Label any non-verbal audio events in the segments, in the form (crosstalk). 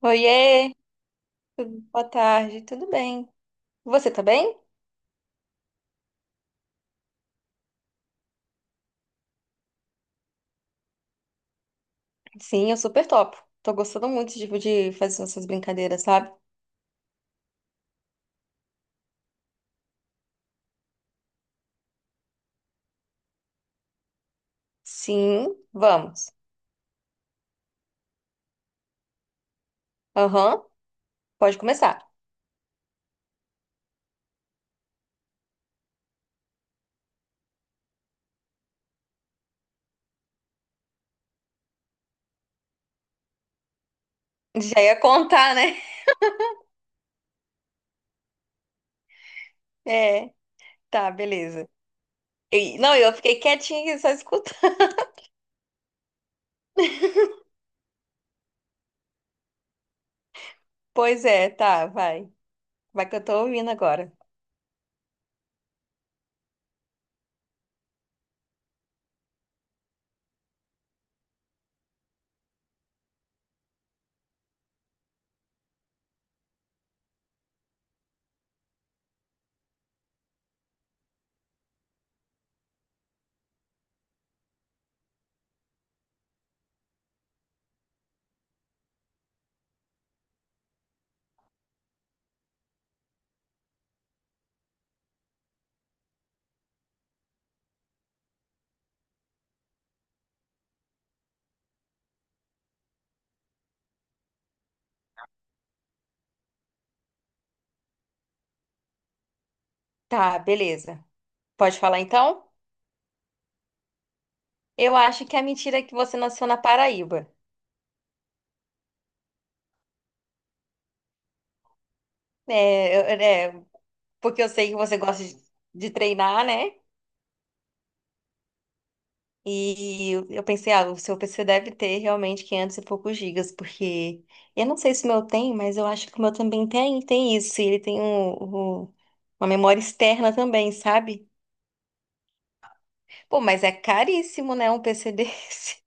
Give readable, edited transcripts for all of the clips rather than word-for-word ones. Oiê, boa tarde, tudo bem? Você tá bem? Sim, eu super topo. Tô gostando muito tipo, de fazer essas brincadeiras, sabe? Sim, vamos. Aham, pode começar. (laughs) Já ia contar, né? (laughs) É, tá, beleza. Não, eu fiquei quietinha aqui só escutando. (laughs) Pois é, tá, vai. Vai que eu tô ouvindo agora. Tá, beleza. Pode falar então? Eu acho que a mentira é que você nasceu na Paraíba. É, é, porque eu sei que você gosta de treinar, né? E eu pensei, ah, o seu PC deve ter realmente 500 e poucos gigas, porque eu não sei se o meu tem, mas eu acho que o meu também tem isso. E ele tem uma memória externa também, sabe? Pô, mas é caríssimo, né, um PC desse. (laughs)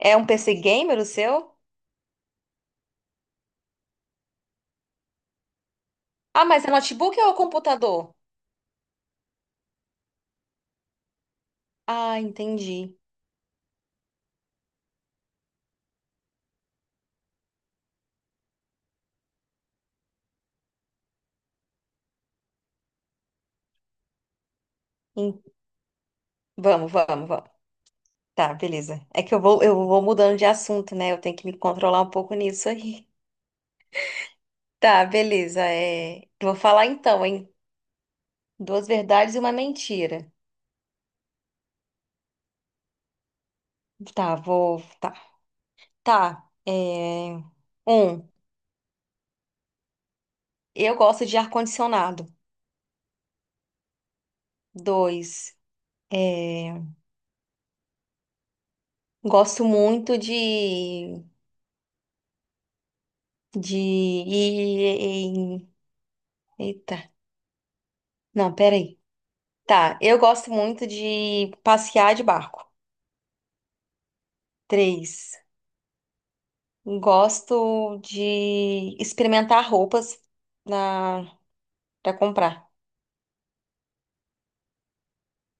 É um PC gamer o seu? Ah, mas é notebook ou computador? Ah, entendi. Em- Vamos, vamos, vamos. Tá, beleza. É que eu vou mudando de assunto, né? Eu tenho que me controlar um pouco nisso aí. (laughs) Tá, beleza. Vou falar então, hein? Duas verdades e uma mentira. Tá, vou. Tá. Tá. Um, eu gosto de ar-condicionado. Dois, é... gosto muito de. De. e- e- Eita. Não, peraí. Tá, eu gosto muito de passear de barco. Três, gosto de experimentar roupas na... pra comprar.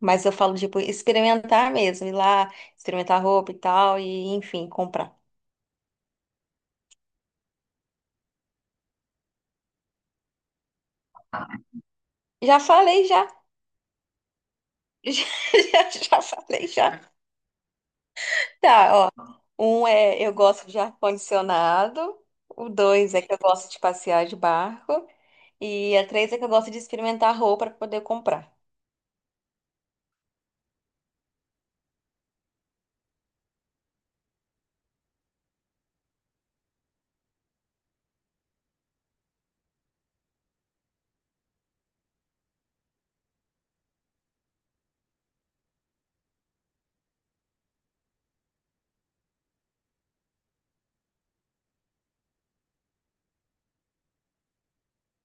Mas eu falo, tipo, experimentar mesmo, ir lá, experimentar roupa e tal, e enfim, comprar. Já falei, já. (laughs) Já, já, já falei, já. Tá, ó. Um é eu gosto de ar-condicionado. O dois é que eu gosto de passear de barco. E a três é que eu gosto de experimentar roupa para poder comprar.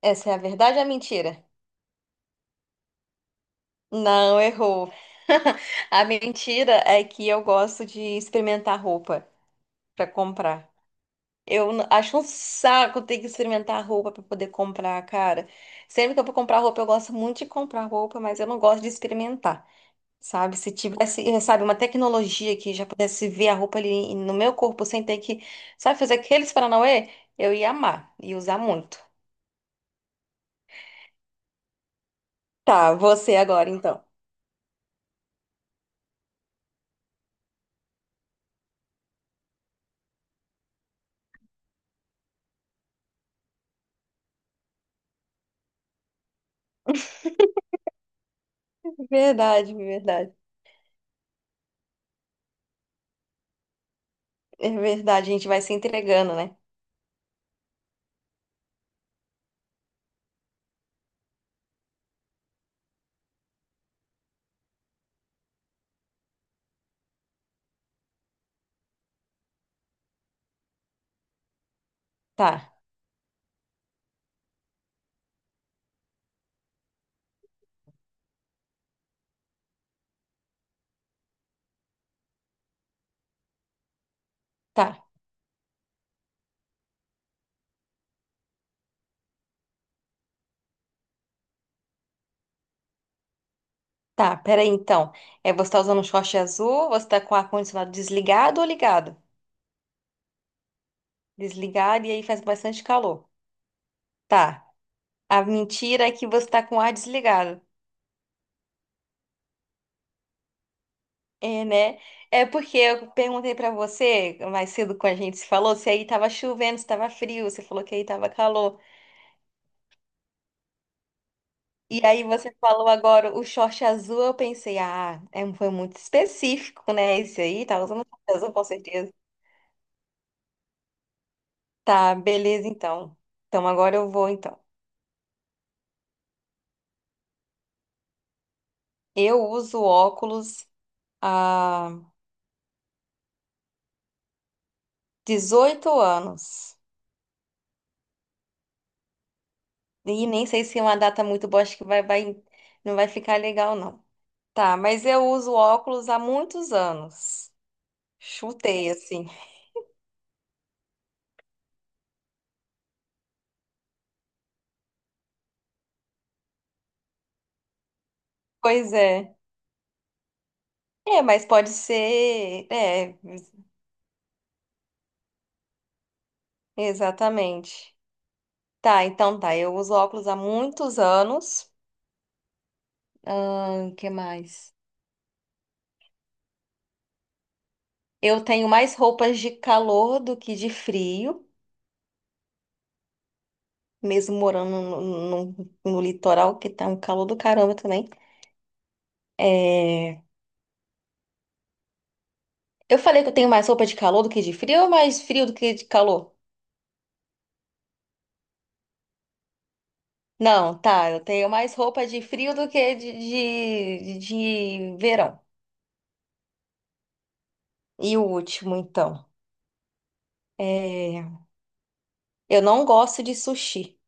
Essa é a verdade ou a mentira? Não, errou. (laughs) A mentira é que eu gosto de experimentar roupa para comprar. Eu acho um saco ter que experimentar roupa para poder comprar, cara. Sempre que eu vou comprar roupa, eu gosto muito de comprar roupa, mas eu não gosto de experimentar, sabe? Se tivesse, sabe, uma tecnologia que já pudesse ver a roupa ali no meu corpo sem ter que, sabe, fazer aqueles paranauê, eu ia amar e usar muito. Tá, você agora então. Verdade, verdade. É verdade, a gente vai se entregando, né? Tá, tá, tá. Peraí então. É, você tá usando um short azul, você tá com o ar-condicionado desligado ou ligado? Desligado e aí faz bastante calor. Tá. A mentira é que você tá com o ar desligado. É, né? É porque eu perguntei pra você mais cedo quando a gente se falou se aí tava chovendo, se tava frio, você falou que aí tava calor. E aí você falou agora o short azul, eu pensei, ah, é, foi muito específico, né? Esse aí tá usando short azul com certeza. Tá, beleza então. Então agora eu vou então. Eu uso óculos há 18 anos. E nem sei se é uma data muito boa, acho que vai, não vai ficar legal, não. Tá, mas eu uso óculos há muitos anos. Chutei, assim. Pois é. É, mas pode ser. É, exatamente. Tá, então tá. Eu uso óculos há muitos anos. Que mais? Eu tenho mais roupas de calor do que de frio, mesmo morando no litoral, que tá um calor do caramba também. É. Eu falei que eu tenho mais roupa de calor do que de frio ou mais frio do que de calor? Não, tá, eu tenho mais roupa de frio do que de verão. E o último, então. É, Eu não gosto de sushi,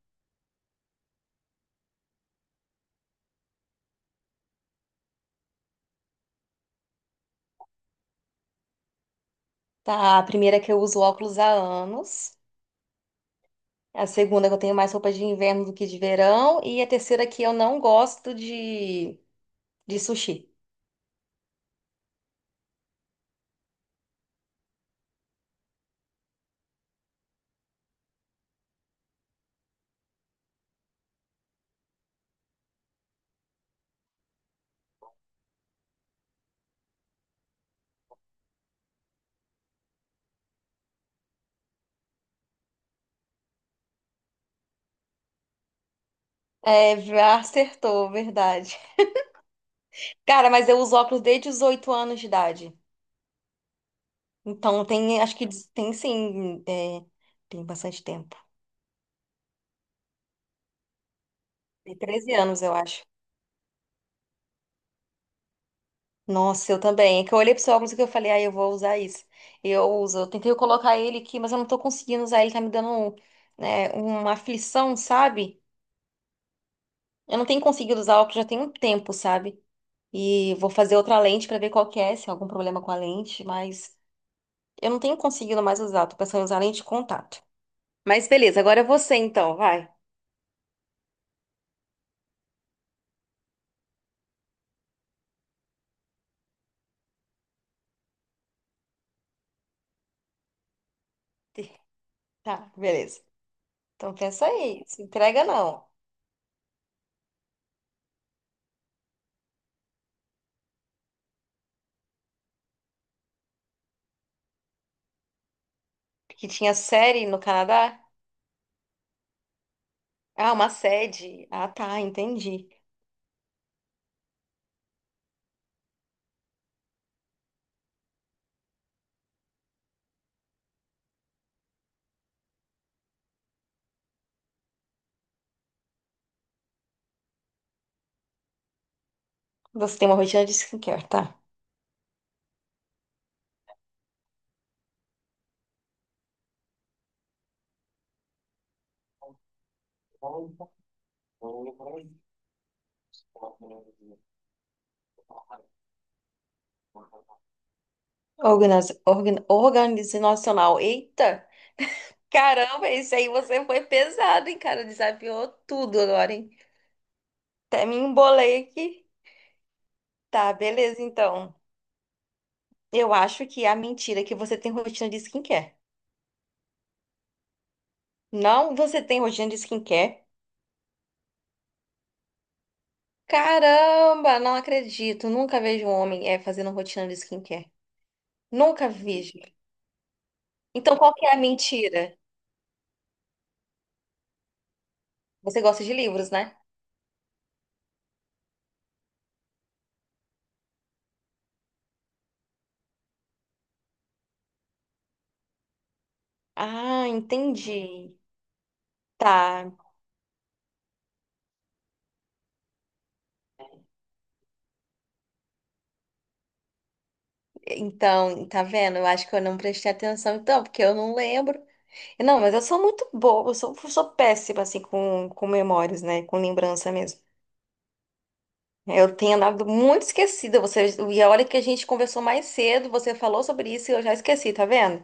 tá? A primeira é que eu uso óculos há anos. A segunda é que eu tenho mais roupa de inverno do que de verão. E a terceira é que eu não gosto de sushi. É, acertou, verdade. (laughs) Cara, mas eu uso óculos desde os 8 anos de idade. Então tem, acho que tem sim, é, tem bastante tempo. Tem 13 anos, eu acho. Nossa, eu também. É que eu olhei pro seu óculos e que eu falei, ah, eu vou usar isso. Eu tentei colocar ele aqui, mas eu não tô conseguindo usar ele, tá me dando, né, uma aflição, sabe? Eu não tenho conseguido usar óculos já tem um tempo, sabe? E vou fazer outra lente pra ver qual que é, se há algum problema com a lente, mas eu não tenho conseguido mais usar, tô pensando em usar lente de contato. Mas beleza, agora é você então, vai. (laughs) Tá, beleza. Então pensa aí, se entrega não. Que tinha série no Canadá? Ah, uma sede. Ah, tá, entendi. Você tem uma rotina de skincare, tá? Organiz, Organizacional. Eita! Caramba, isso aí você foi pesado, hein, cara? Desafiou tudo agora, hein? Até me embolei aqui. Tá, beleza, então. Eu acho que é a mentira é que você tem rotina de skincare. Não, você tem rotina de skincare? Caramba, não acredito. Nunca vejo um homem fazendo rotina de skincare. Nunca vi, gente. Então, qual que é a mentira? Você gosta de livros, né? Ah, entendi. Tá. Então, tá vendo? Eu acho que eu não prestei atenção, então, porque eu não lembro. Não, mas eu sou muito boa, eu sou péssima, assim, com memórias, né? Com lembrança mesmo. Eu tenho andado muito esquecida. Você, e a hora que a gente conversou mais cedo, você falou sobre isso e eu já esqueci, tá vendo?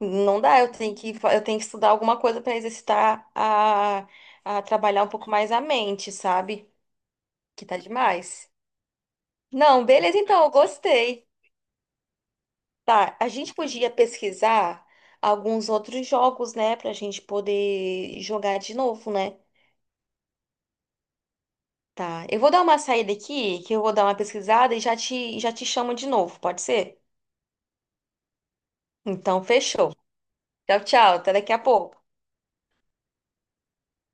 Não dá, eu tenho que estudar alguma coisa para exercitar a trabalhar um pouco mais a mente, sabe? Que tá demais. Não, beleza, então, eu gostei. Tá, a gente podia pesquisar alguns outros jogos, né, pra gente poder jogar de novo, né? Tá, eu vou dar uma saída aqui, que eu vou dar uma pesquisada e já te chamo de novo, pode ser? Então, fechou. Tchau, tchau, até daqui a pouco.